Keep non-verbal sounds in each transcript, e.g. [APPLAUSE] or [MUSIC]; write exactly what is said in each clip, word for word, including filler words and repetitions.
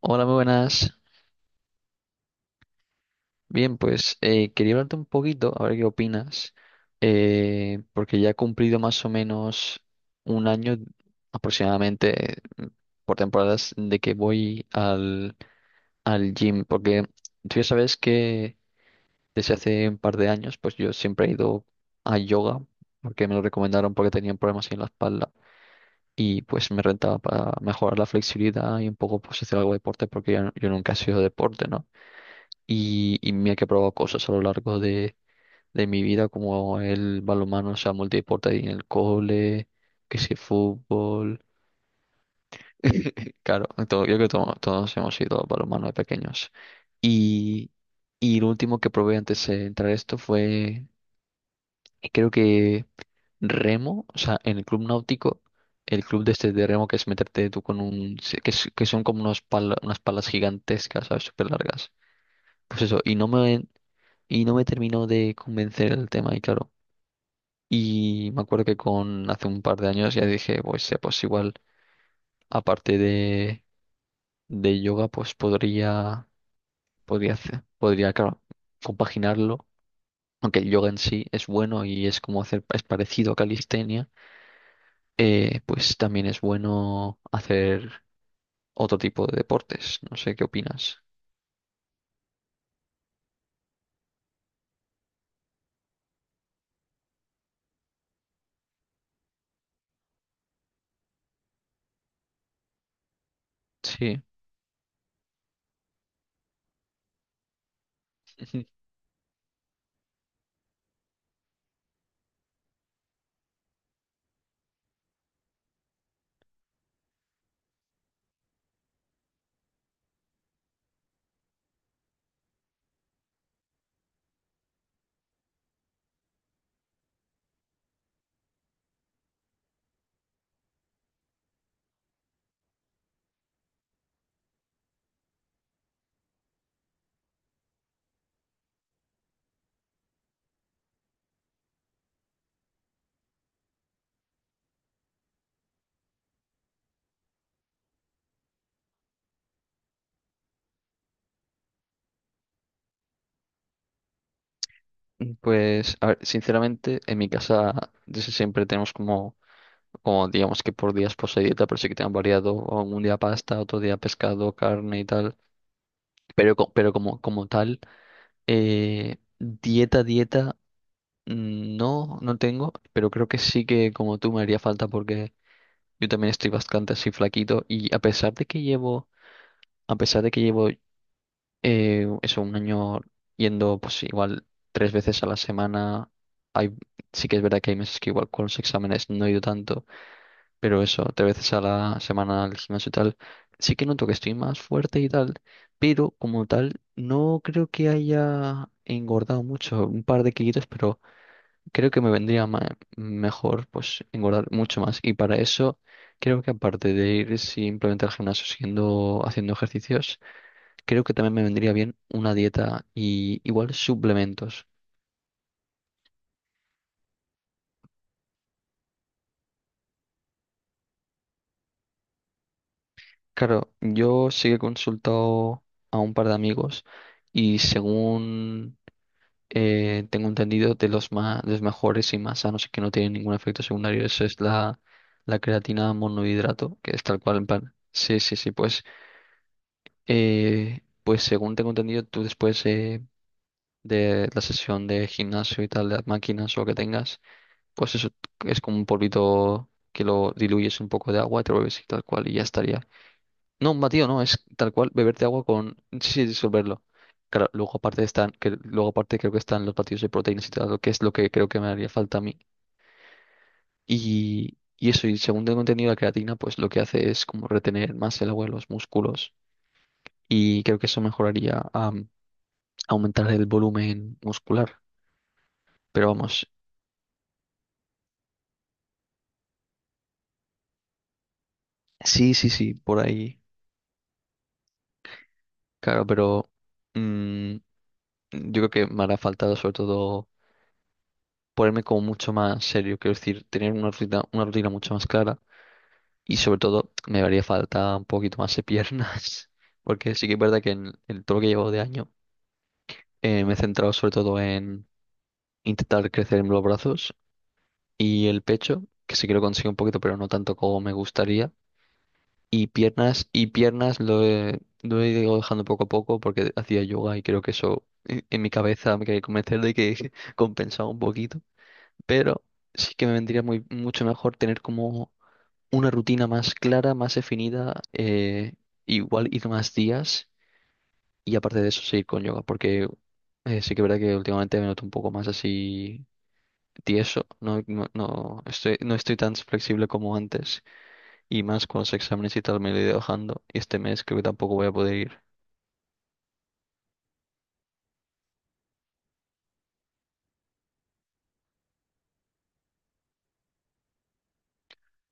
Hola, muy buenas. Bien, pues eh, quería hablarte un poquito, a ver qué opinas, eh, porque ya he cumplido más o menos un año aproximadamente eh, por temporadas de que voy al, al gym, porque tú ya sabes que desde hace un par de años, pues yo siempre he ido a yoga, porque me lo recomendaron porque tenía problemas en la espalda y pues me rentaba para mejorar la flexibilidad y un poco pues hacer algo de deporte, porque yo, yo nunca he sido de deporte, ¿no? y, y mira que he probado cosas a lo largo de, de mi vida, como el balonmano, o sea, multideporte ahí en el cole, que si fútbol. [LAUGHS] Claro, todo- yo creo que to- todos hemos ido a balonmano de pequeños. Y, y lo último que probé antes de entrar a esto fue, creo que remo, o sea, en el club náutico, el club de este de remo que es meterte tú con un, que, es- que son como unos pala- unas palas gigantescas, ¿sabes? Súper largas. Pues eso, y no me, y no me terminó de convencer el tema, y claro. Y me acuerdo que con hace un par de años ya dije, pues, eh, pues igual, aparte de, de yoga, pues podría, podría hacer, podría, claro, compaginarlo. Aunque el yoga en sí es bueno y es como hacer, es parecido a calistenia, eh, pues también es bueno hacer otro tipo de deportes. No sé qué opinas. Sí. [LAUGHS] Ujú. Pues, a ver, sinceramente, en mi casa desde siempre tenemos como como digamos que por días posee dieta, pero sí que te han variado o un día pasta, otro día pescado, carne y tal. Pero, co- pero como, como tal, eh, dieta, dieta, mm, no, no tengo, pero creo que sí que como tú me haría falta porque yo también estoy bastante así flaquito y a pesar de que llevo, a pesar de que llevo eh, eso, un año yendo pues igual tres veces a la semana, hay, sí que es verdad que hay meses que igual con los exámenes no he ido tanto pero eso, tres veces a la semana al gimnasio y tal, sí que noto que estoy más fuerte y tal, pero como tal, no creo que haya engordado mucho, un par de kilitos, pero creo que me vendría ma- mejor pues engordar mucho más. Y para eso, creo que aparte de ir simplemente al gimnasio siguiendo haciendo ejercicios, creo que también me vendría bien una dieta y igual suplementos. Claro, yo sí que he consultado a un par de amigos y según eh, tengo entendido de los más, de los mejores y más sanos y que no tienen ningún efecto secundario, eso es la, la creatina monohidrato, que es tal cual, en plan. Sí, sí, sí, pues, eh, pues según tengo entendido, tú después eh, de la sesión de gimnasio y tal, de las máquinas o lo que tengas, pues eso es como un polvito que lo diluyes un poco de agua, y te lo bebes y tal cual, y ya estaría. No, un batido no, es tal cual beberte agua con. Sí, sí, disolverlo. Claro, luego aparte están, que luego aparte creo que están los batidos de proteínas y tal, lo que es lo que creo que me haría falta a mí. Y, y eso, y según tengo entendido, la creatina, pues lo que hace es como retener más el agua en los músculos. Y creo que eso mejoraría a aumentar el volumen muscular. Pero vamos, sí, sí, sí, por ahí. Claro, pero mm, yo creo que me hará falta sobre todo ponerme como mucho más serio, quiero decir, tener una rutina, una rutina mucho más clara. Y sobre todo, me haría falta un poquito más de piernas, [LAUGHS] porque sí que es verdad que en, en todo lo que llevo de año eh, me he centrado sobre todo en intentar crecer en los brazos y el pecho, que sí que lo consigo un poquito, pero no tanto como me gustaría. Y piernas, y piernas lo he, lo he ido dejando poco a poco porque hacía yoga y creo que eso en, en mi cabeza me quería convencer de que [LAUGHS] compensaba un poquito, pero sí que me vendría muy, mucho mejor tener como una rutina más clara, más definida, eh, igual ir más días y aparte de eso seguir con yoga, porque eh, sí que es verdad que últimamente me noto un poco más así tieso, no, no, no estoy, no estoy tan flexible como antes y más con los exámenes y tal me lo he ido dejando y este mes creo que tampoco voy a poder ir.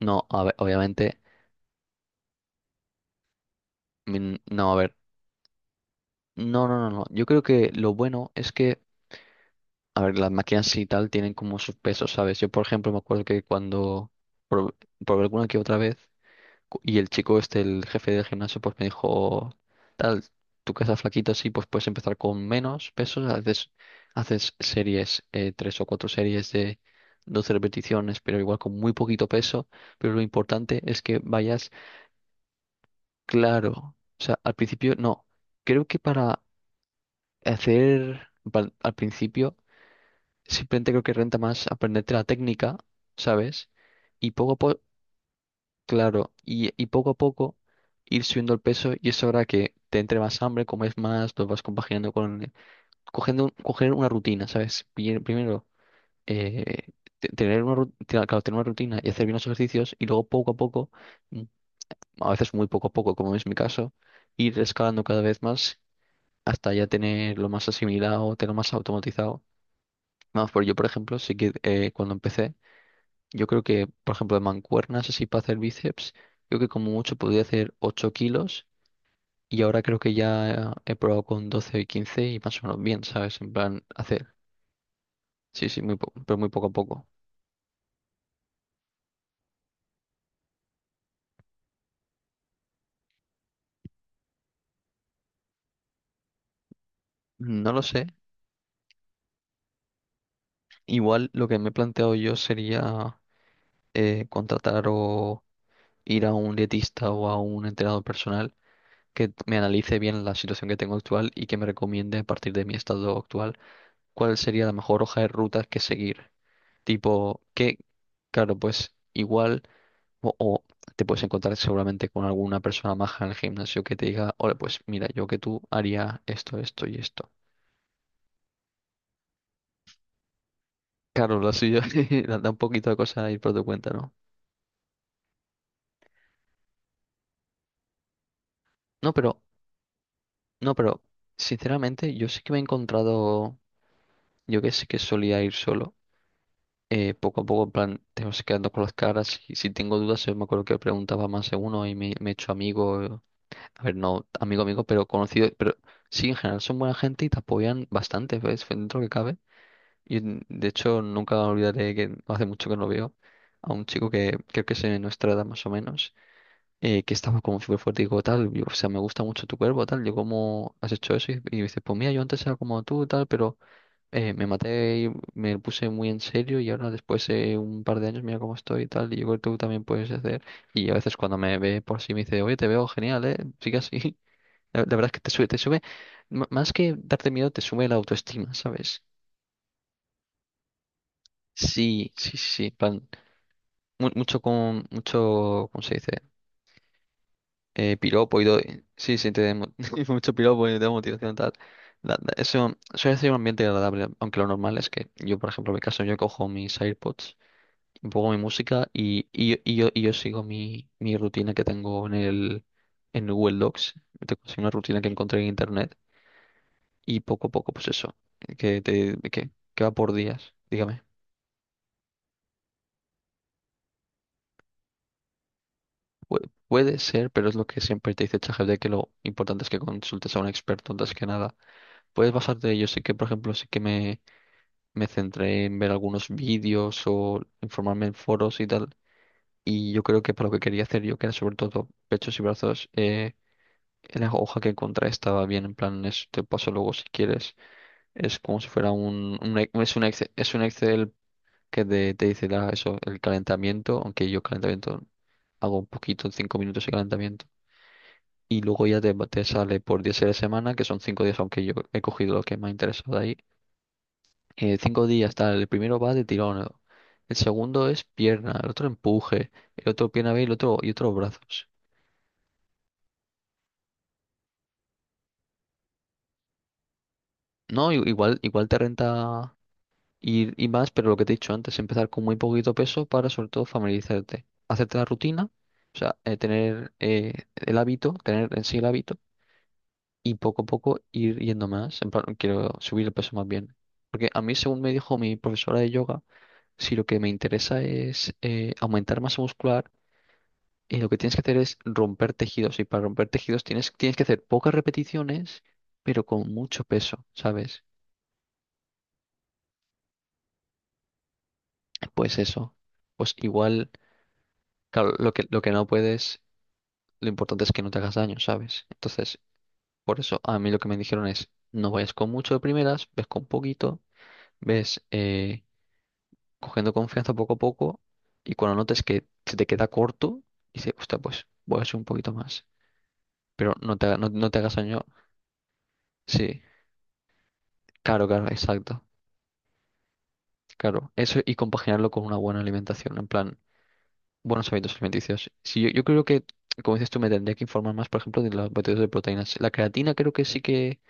No, a ver, obviamente, mm, no, a ver, no, no, no, no, yo creo que lo bueno es que, a ver, las máquinas y tal tienen como sus pesos, ¿sabes? Yo, por ejemplo, me acuerdo que cuando. Por- por alguna que otra vez. cu- Y el chico este, el jefe del gimnasio, pues me dijo, tal, tú que estás flaquito, sí, pues puedes empezar con menos pesos, haces, haces series, eh, tres o cuatro series de doce repeticiones, pero igual con muy poquito peso, pero lo importante es que vayas claro. O sea, al principio, no, creo que para hacer, pa- al principio, simplemente creo que renta más aprenderte la técnica, ¿sabes? Y poco a po- Claro, y, y poco a poco ir subiendo el peso y eso hará que te entre más hambre, comes más, lo vas compaginando con... eh, cogiendo, un- coger una rutina, ¿sabes? Pri- Primero, eh, te- tener una, ru- te- claro, tener una rutina y hacer bien los ejercicios y luego poco a poco, mm, a veces muy poco a poco, como es mi caso, ir escalando cada vez más hasta ya tener lo más asimilado, tener lo más automatizado. Vamos, por yo, por ejemplo, sí que eh, cuando empecé yo creo que, por ejemplo, de mancuernas así para hacer bíceps, creo que como mucho podía hacer ocho kilos y ahora creo que ya he probado con doce y quince y más o menos bien, ¿sabes? En plan, hacer. Sí, sí, muy po- pero muy poco a poco. No lo sé. Igual lo que me he planteado yo sería eh, contratar o ir a un dietista o a un entrenador personal que me analice bien la situación que tengo actual y que me recomiende a partir de mi estado actual cuál sería la mejor hoja de ruta que seguir. Tipo, que, claro, pues igual, o, o te puedes encontrar seguramente con alguna persona maja en el gimnasio que te diga, oye, pues mira, yo que tú haría esto, esto y esto. Claro, lo suyo [LAUGHS] da da un poquito de cosa ir por tu cuenta, ¿no? No, pero, no, pero, sinceramente, yo sí que me he encontrado, yo que sí que solía ir solo, eh, poco a poco, en plan, te vas quedando con las caras, y si tengo dudas, yo me acuerdo que preguntaba más de uno y me, me he hecho amigo. A ver, no amigo, amigo, pero conocido, pero sí, en general son buena gente y te apoyan bastante, ¿ves? Dentro que cabe. Y mm, de hecho nunca olvidaré que no hace mucho que no veo a un chico que creo que es de nuestra edad más o menos, eh, que estaba como súper fuerte y digo, tal, yo, o sea, me gusta mucho tu cuerpo, tal, yo cómo has hecho eso. Y, y dice, pues mira, yo antes era como tú, tal, pero eh, me maté y me puse muy en serio y ahora después de un par de años mira cómo estoy y tal, y yo creo que tú también puedes hacer. Y a veces cuando me ve por sí me dice, oye, te veo genial, ¿eh? Sigue así. La, la verdad es que te sube, te sube, m- más que darte miedo, te sube la autoestima, ¿sabes? Sí, sí, sí, plan, mu- mucho con, mucho, ¿cómo se dice? Eh, piropo y todo, sí, sí, te da [LAUGHS] mucho piropo y te da motivación tal. La- la- eso suele ser un ambiente agradable, aunque lo normal es que yo, por ejemplo, en mi caso, yo cojo mis AirPods, pongo mi música y, y, yo, y yo y yo sigo mi, mi rutina que tengo en el, en Google Docs. Tengo así una rutina que encontré en internet y poco a poco, pues eso, que, te, que, que va por días, dígame. Pu- puede ser, pero es lo que siempre te dice ChatGPT, que lo importante es que consultes a un experto antes que nada. Puedes basarte, yo sé que, por ejemplo, sí que me, me centré en ver algunos vídeos o informarme en foros y tal, y yo creo que para lo que quería hacer yo, que era sobre todo pechos y brazos, eh, la hoja que encontré estaba bien, en plan, es- te paso luego si quieres. Es como si fuera un, un e- es un Excel, es un Excel que te, te dice la- eso, el calentamiento, aunque yo calentamiento hago un poquito, cinco minutos de calentamiento. Y luego ya te, te sale por diez de semana, que son cinco días, aunque yo he cogido lo que me ha interesado de ahí. Eh, cinco días, tal, el primero va de tirón, el segundo es pierna, el otro empuje, el otro pierna B y el otro, y otros brazos. No, i- igual, igual te renta ir y más, pero lo que te he dicho antes, empezar con muy poquito peso para sobre todo familiarizarte, hacerte la rutina, o sea, eh, tener eh, el hábito, tener en sí el hábito y poco a poco ir yendo más. En plan, quiero subir el peso más bien. Porque a mí, según me dijo mi profesora de yoga, si lo que me interesa es eh, aumentar masa muscular, eh, lo que tienes que hacer es romper tejidos. Y para romper tejidos tienes, tienes que hacer pocas repeticiones, pero con mucho peso, ¿sabes? Pues eso. Pues igual, claro, lo que, lo que no puedes, lo importante es que no te hagas daño, ¿sabes? Entonces, por eso a mí lo que me dijeron es, no vayas con mucho de primeras, ves con poquito, ves, eh, cogiendo confianza poco a poco y cuando notes que se te queda corto, dices, hostia, pues voy a hacer un poquito más. Pero no te, ha- no, no te hagas daño. Sí, claro, claro, exacto. Claro, eso y compaginarlo con una buena alimentación, en plan, buenos hábitos alimenticios. Sí, yo, yo creo que, como dices tú, me tendría que informar más, por ejemplo, de los botellas de proteínas. La creatina creo que sí que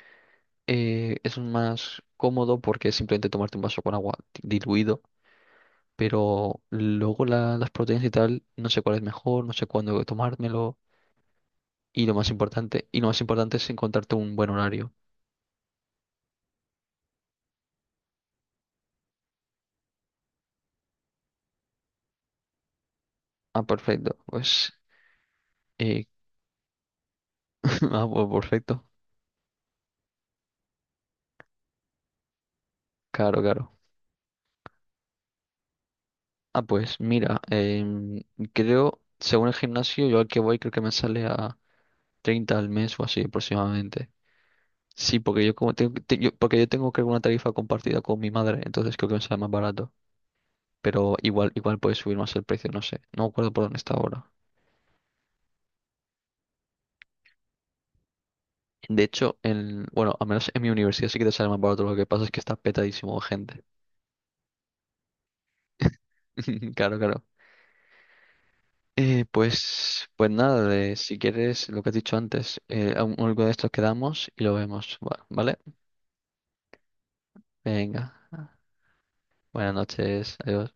eh, es más cómodo porque es simplemente tomarte un vaso con agua di- diluido. Pero luego la- las proteínas y tal, no sé cuál es mejor, no sé cuándo tomármelo. Y lo más importante, y lo más importante es encontrarte un buen horario. Ah, perfecto. Pues, eh, [LAUGHS] ah, pues perfecto. Claro, claro. Ah, pues mira, em, creo, según el gimnasio, yo al que voy creo que me sale a treinta al mes o así aproximadamente. Sí, porque yo como tengo, te- yo- porque yo tengo creo una tarifa compartida con mi madre, entonces creo que me sale más barato. Pero igual, igual puede subir más el precio, no sé. No me acuerdo por dónde está ahora. De hecho, en, bueno, al menos en mi universidad sí que te sale más barato, lo que pasa es que está petadísimo de gente. [LAUGHS] Claro, claro. Eh, pues, pues nada, de, si quieres lo que has dicho antes, eh, a un- algo de estos quedamos y lo vemos. Bueno, ¿vale? Venga. Buenas noches. Adiós.